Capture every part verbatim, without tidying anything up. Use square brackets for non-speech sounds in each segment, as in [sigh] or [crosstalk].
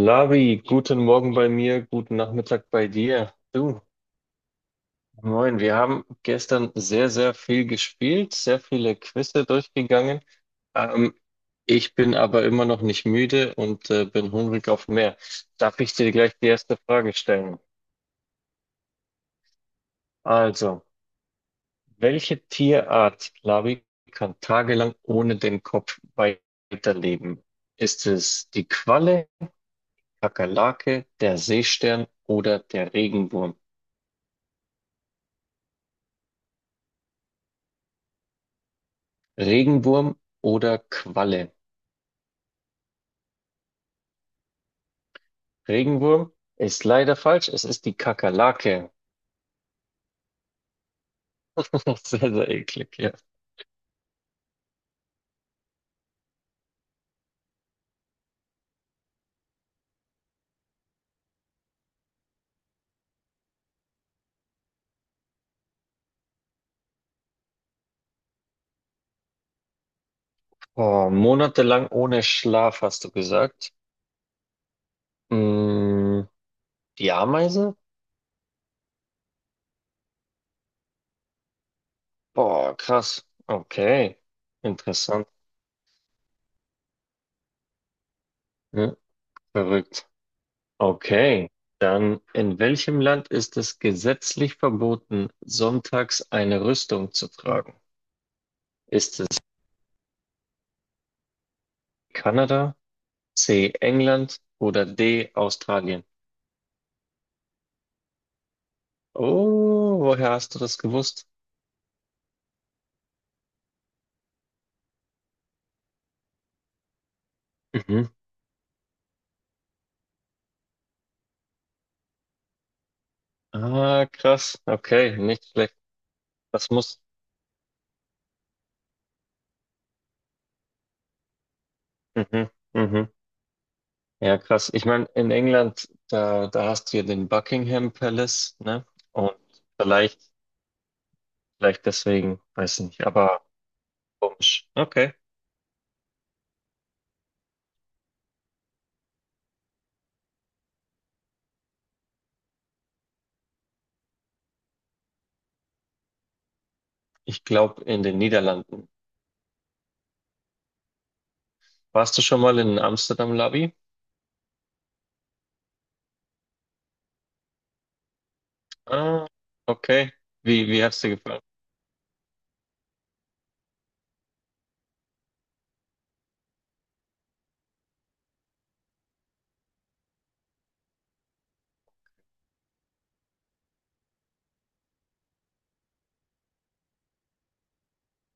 Lavi, guten Morgen bei mir, guten Nachmittag bei dir. Du, moin, wir haben gestern sehr, sehr viel gespielt, sehr viele Quizze durchgegangen. Ähm, Ich bin aber immer noch nicht müde und äh, bin hungrig auf mehr. Darf ich dir gleich die erste Frage stellen? Also, welche Tierart, Lavi, kann tagelang ohne den Kopf weiterleben? Ist es die Qualle, Kakerlake, der Seestern oder der Regenwurm? Regenwurm oder Qualle? Regenwurm ist leider falsch. Es ist die Kakerlake. [laughs] Sehr, sehr eklig, ja. Oh, monatelang ohne Schlaf, hast du gesagt. Mm, Die Ameise? Boah, krass. Okay. Interessant. Hm, Verrückt. Okay. Dann, in welchem Land ist es gesetzlich verboten, sonntags eine Rüstung zu tragen? Ist es Kanada, C. England oder D. Australien? Oh, woher hast du das gewusst? Mhm. Ah, krass. Okay, nicht schlecht. Das muss. Mhm. Mhm. Ja, krass. Ich meine, in England, da, da hast du ja den Buckingham Palace, ne? Und vielleicht, vielleicht deswegen, weiß nicht, aber komisch. Okay. Ich glaube, in den Niederlanden. Warst du schon mal in Amsterdam Lobby? Ah, okay. Wie, wie hat's dir gefallen?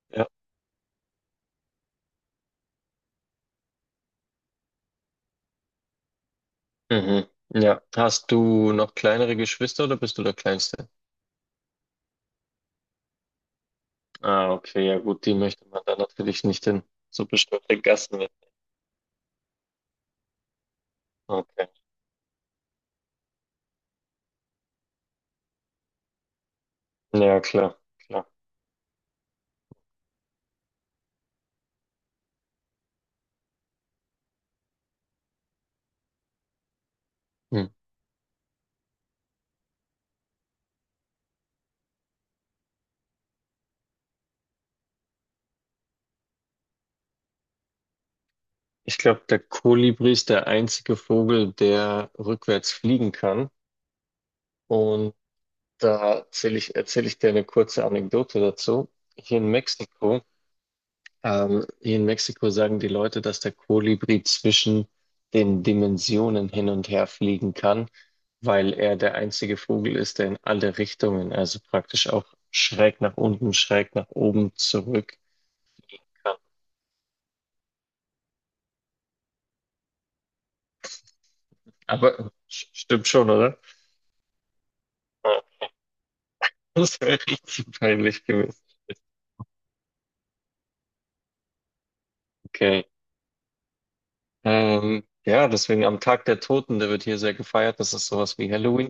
Ja. Mhm. Ja. Hast du noch kleinere Geschwister oder bist du der Kleinste? Ah, okay, ja gut, die möchte man dann natürlich nicht in so bestimmte Gassen mit. Okay. Ja, klar, klar. Hm. Ich glaube, der Kolibri ist der einzige Vogel, der rückwärts fliegen kann. Und da erzähle ich, erzähl ich dir eine kurze Anekdote dazu. Hier in Mexiko Ähm, hier in Mexiko sagen die Leute, dass der Kolibri zwischen den Dimensionen hin und her fliegen kann, weil er der einzige Vogel ist, der in alle Richtungen, also praktisch auch schräg nach unten, schräg nach oben zurück kann. Aber äh, st- stimmt schon, oder? Ja, [laughs] Das wäre richtig peinlich gewesen. Okay. Ähm, ja, deswegen am Tag der Toten, der wird hier sehr gefeiert. Das ist sowas wie Halloween.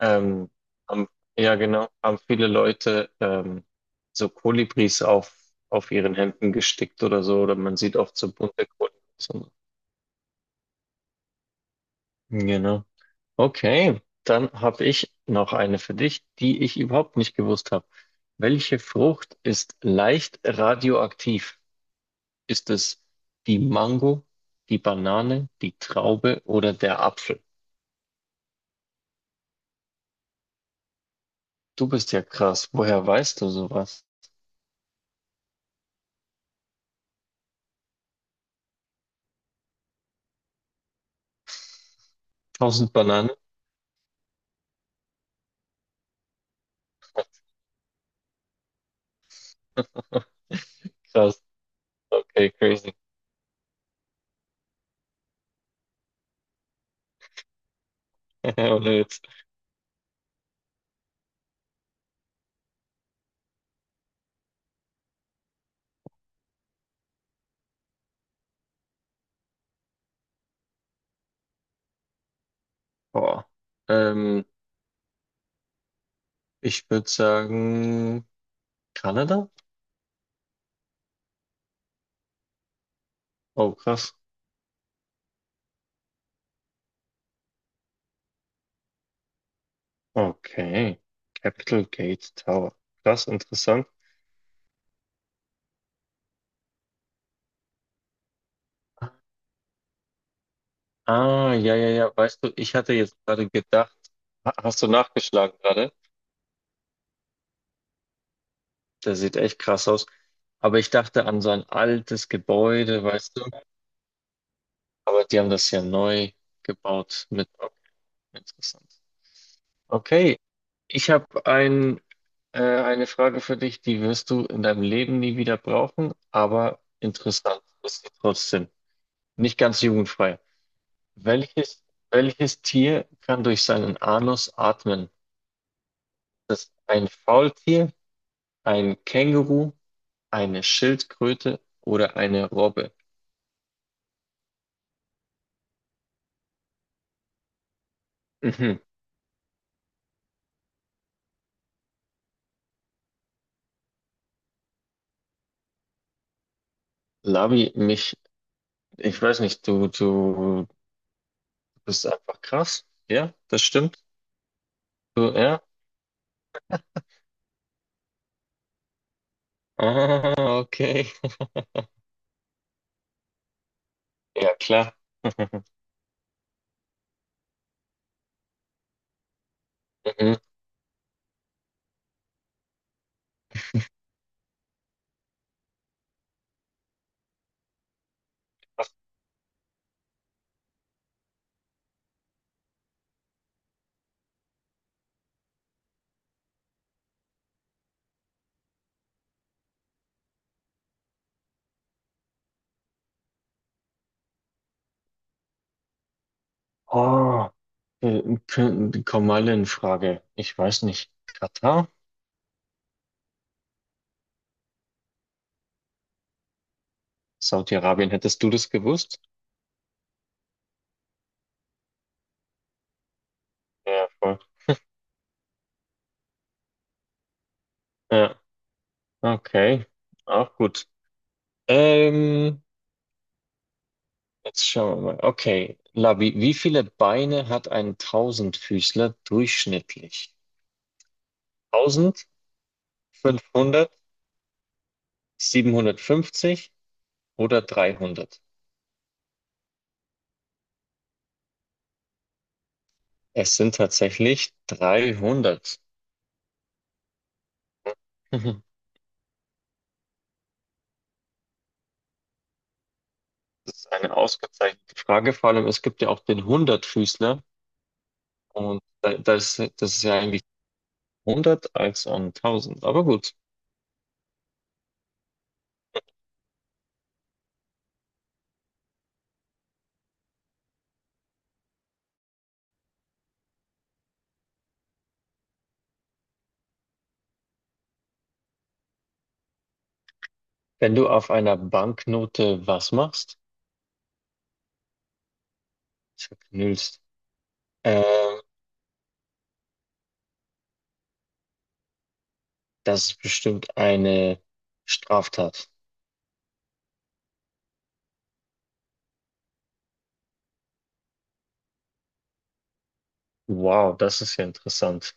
Ähm, haben, ja, genau, haben viele Leute ähm, so Kolibris auf, auf ihren Hemden gestickt oder so, oder man sieht oft so bunte Kolibris und so. Genau. Okay, dann habe ich noch eine für dich, die ich überhaupt nicht gewusst habe. Welche Frucht ist leicht radioaktiv? Ist es die Mango, die Banane, die Traube oder der Apfel? Du bist ja krass. Woher weißt du sowas? Tausend Bananen? [laughs] Krass. Okay, crazy. [laughs] Ohne Witz. Boah. Ähm, Ich würde sagen, Kanada? Oh, krass. Okay. Capital Gate Tower. Krass, interessant. Ah, ja, ja, ja. Weißt du, ich hatte jetzt gerade gedacht, ha- hast du nachgeschlagen gerade? Der sieht echt krass aus. Aber ich dachte an so ein altes Gebäude, weißt du? Aber die haben das ja neu gebaut mit. Okay, interessant. Okay, ich habe ein, äh, eine Frage für dich, die wirst du in deinem Leben nie wieder brauchen, aber interessant ist sie trotzdem. Nicht ganz jugendfrei. Welches, welches Tier kann durch seinen Anus atmen? Das ist ein Faultier, ein Känguru, eine Schildkröte oder eine Robbe? Mhm. Labi, mich, ich weiß nicht, du, du bist einfach krass. Ja, das stimmt. Du, ja. Ah, okay. Ja, klar. [laughs] Mhm. Oh, äh, k- die kommen alle in Frage. Ich weiß nicht. Katar? Saudi-Arabien, hättest du das gewusst? Ja, voll. Ja, okay. Auch gut. Ähm, Jetzt schauen wir mal. Okay, Labi, wie viele Beine hat ein Tausendfüßler durchschnittlich? Tausend? Fünfhundert? Siebenhundertfünfzig, oder dreihundert? Es sind tatsächlich dreihundert. [laughs] Das ist eine ausgezeichnete Frage, vor allem es gibt ja auch den Hundertfüßler und da, das, das ist ja eigentlich hundert als an tausend. Aber gut, wenn du auf einer Banknote was machst, zerknüllst, äh, das ist bestimmt eine Straftat. Wow, das ist ja interessant.